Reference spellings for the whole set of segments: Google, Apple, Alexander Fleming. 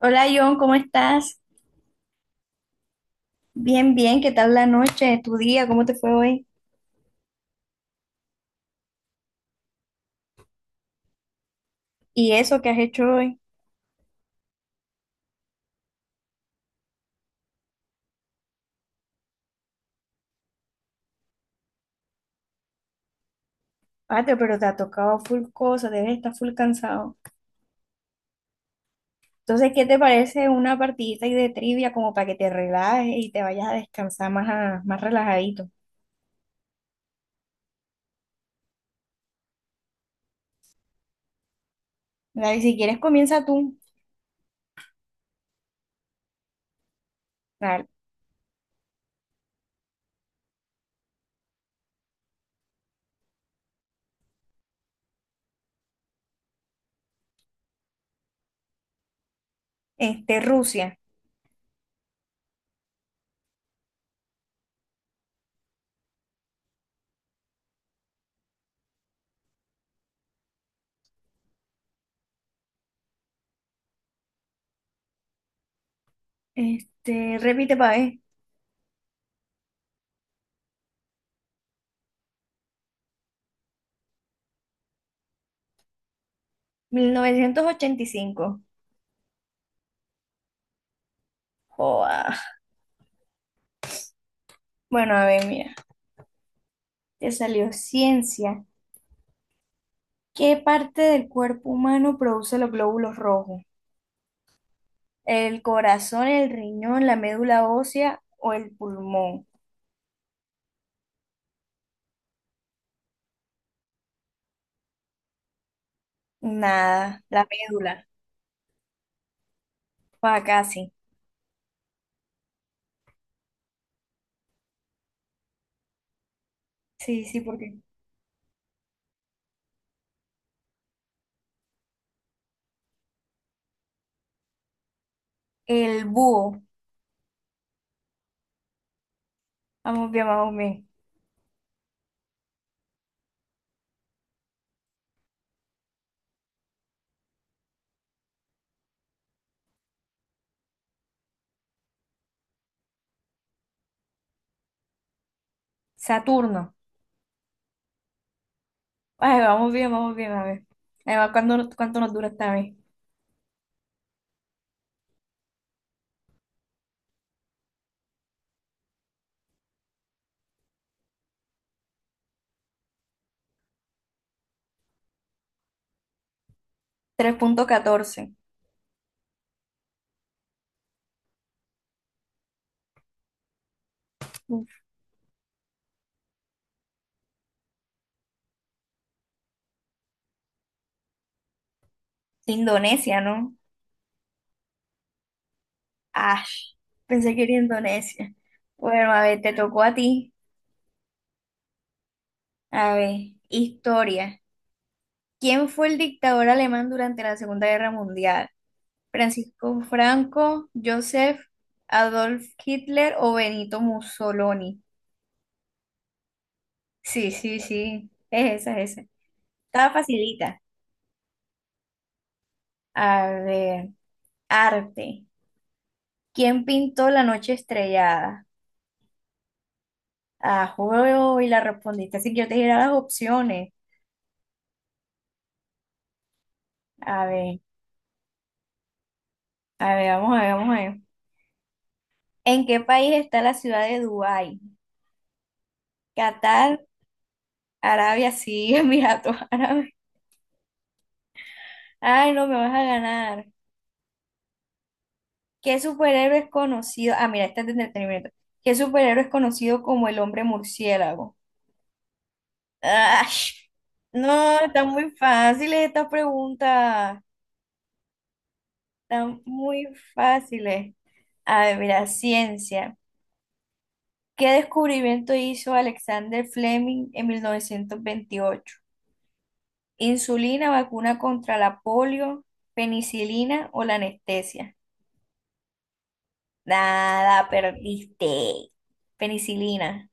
Hola John, ¿cómo estás? Bien, bien, ¿qué tal la noche, tu día, cómo te fue hoy? ¿Y eso que has hecho hoy? Patio, pero te ha tocado full cosa, debes estar full cansado. Entonces, ¿qué te parece una partidita ahí de trivia como para que te relajes y te vayas a descansar más, más relajadito? Dale, si quieres comienza tú. Dale. Rusia. Repite para ver. 1985. Joa. Bueno, a ver, mira, te salió ciencia. ¿Qué parte del cuerpo humano produce los glóbulos rojos? ¿El corazón, el riñón, la médula ósea o el pulmón? Nada, la médula. Pa' casi. Sí, sí, porque el búho. Vamos bien, vamos bien. Saturno. Ay, vamos bien, a ver. Ahí va, ¿cuánto nos dura esta vez? 3.14. Uf, Indonesia, ¿no? Ash. Pensé que era Indonesia. Bueno, a ver, te tocó a ti. A ver, historia. ¿Quién fue el dictador alemán durante la Segunda Guerra Mundial? ¿Francisco Franco, Joseph Adolf Hitler o Benito Mussolini? Sí, sí, sí, es esa, es esa. Estaba facilita. A ver, arte. ¿Quién pintó La Noche Estrellada? Ah, juego y la respondiste, así que yo te diré las opciones. A ver, a ver, vamos a ver, vamos a ver. ¿En qué país está la ciudad de Dubái? Qatar, Arabia, sí, Emiratos Árabes. Ay, no me vas a ganar. ¿Qué superhéroe es conocido? Ah, mira, este es de entretenimiento. ¿Qué superhéroe es conocido como el hombre murciélago? Ay, no, están muy fáciles estas preguntas. Están muy fáciles. A ver, mira, ciencia. ¿Qué descubrimiento hizo Alexander Fleming en 1928? ¿Insulina, vacuna contra la polio, penicilina o la anestesia? Nada, perdiste. Penicilina.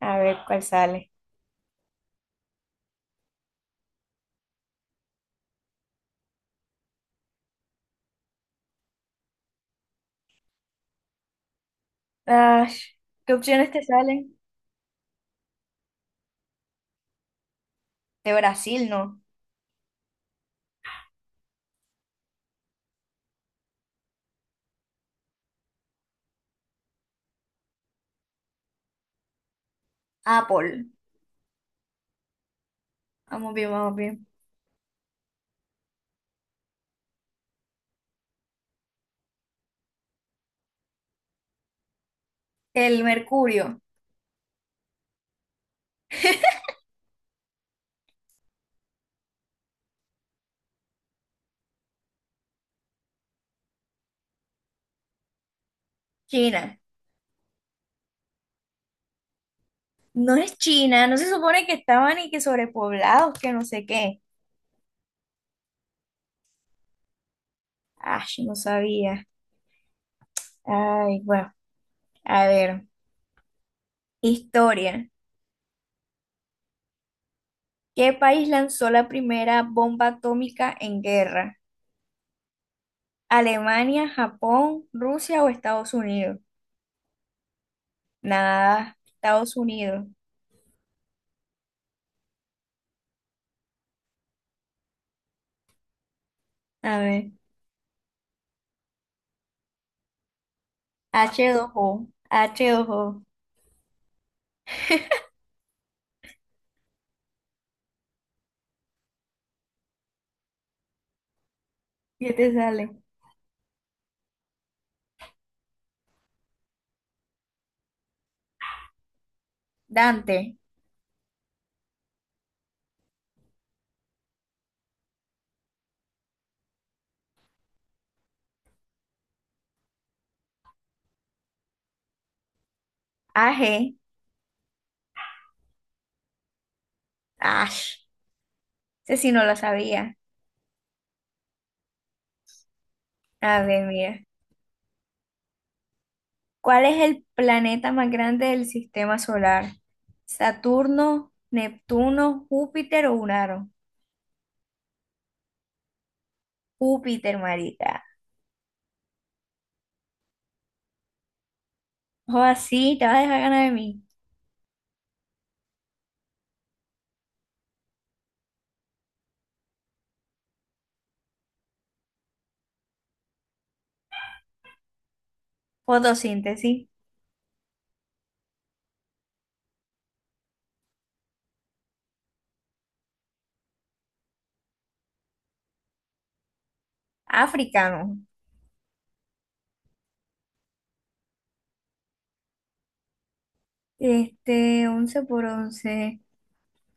A ver cuál sale. Ah, ¿qué opciones te salen? De Brasil, no. Apple. Vamos bien, vamos bien. El mercurio. China. No es China, ¿no se supone que estaban y que sobrepoblados, que no sé qué? Ay, no sabía. Ay, bueno, a ver. Historia. ¿Qué país lanzó la primera bomba atómica en guerra? ¿Alemania, Japón, Rusia o Estados Unidos? Nada, Estados Unidos. A ver. H dos o h dos O. ¿Qué te sale? Dante, AG, Ash. Ese sí no lo sabía. A ver, mira. ¿Cuál es el planeta más grande del sistema solar? ¿Saturno, Neptuno, Júpiter o Urano? Júpiter, marica. O así, te vas a dejar ganar de mí. Fotosíntesis. Africano. Once por 11.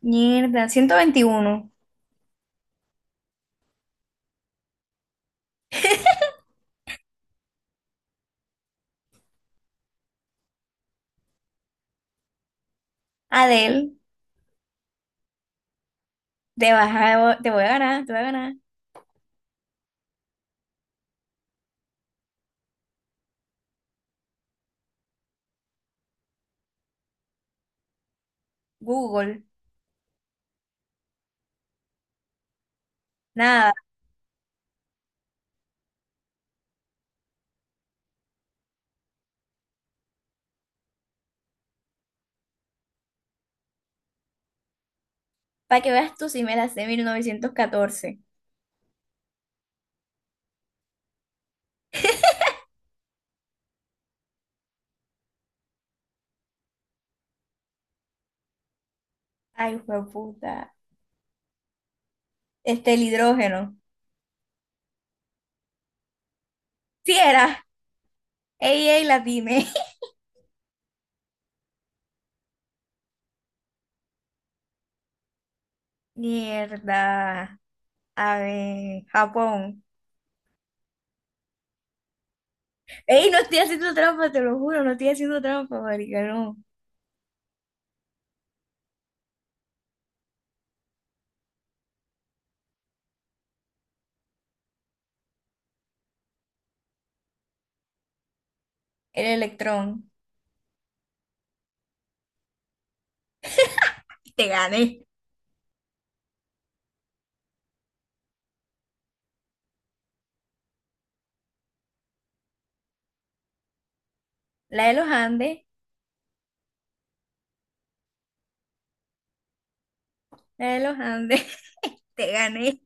Mierda, 121. Adel, te voy a ganar, te voy a ganar. Google. Nada, para que veas tú si me la sé 1914. Ay, puta. El hidrógeno. Sí era. Ey, ey, la tiene. Mierda. A ver, Japón. Ey, no estoy haciendo trampa, te lo juro, no estoy haciendo trampa, marica, no. El electrón. Te gané. La de los Andes, la de los Andes. Te gané.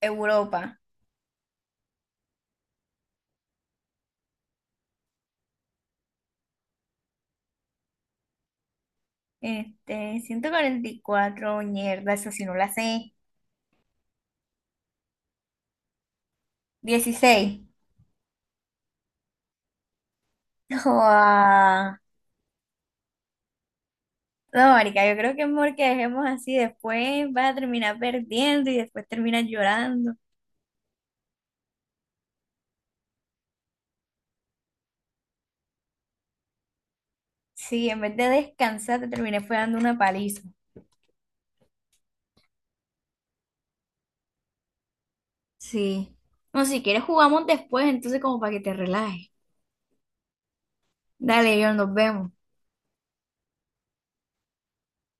Europa. 144, mierda, eso sí no la sé. 16. No, marica, yo creo que es mejor que dejemos así, después vas a terminar perdiendo y después terminas llorando. Sí, en vez de descansar te terminé fue dando una paliza. Sí. No, si quieres jugamos después, entonces como para que te relajes. Dale, yo nos vemos.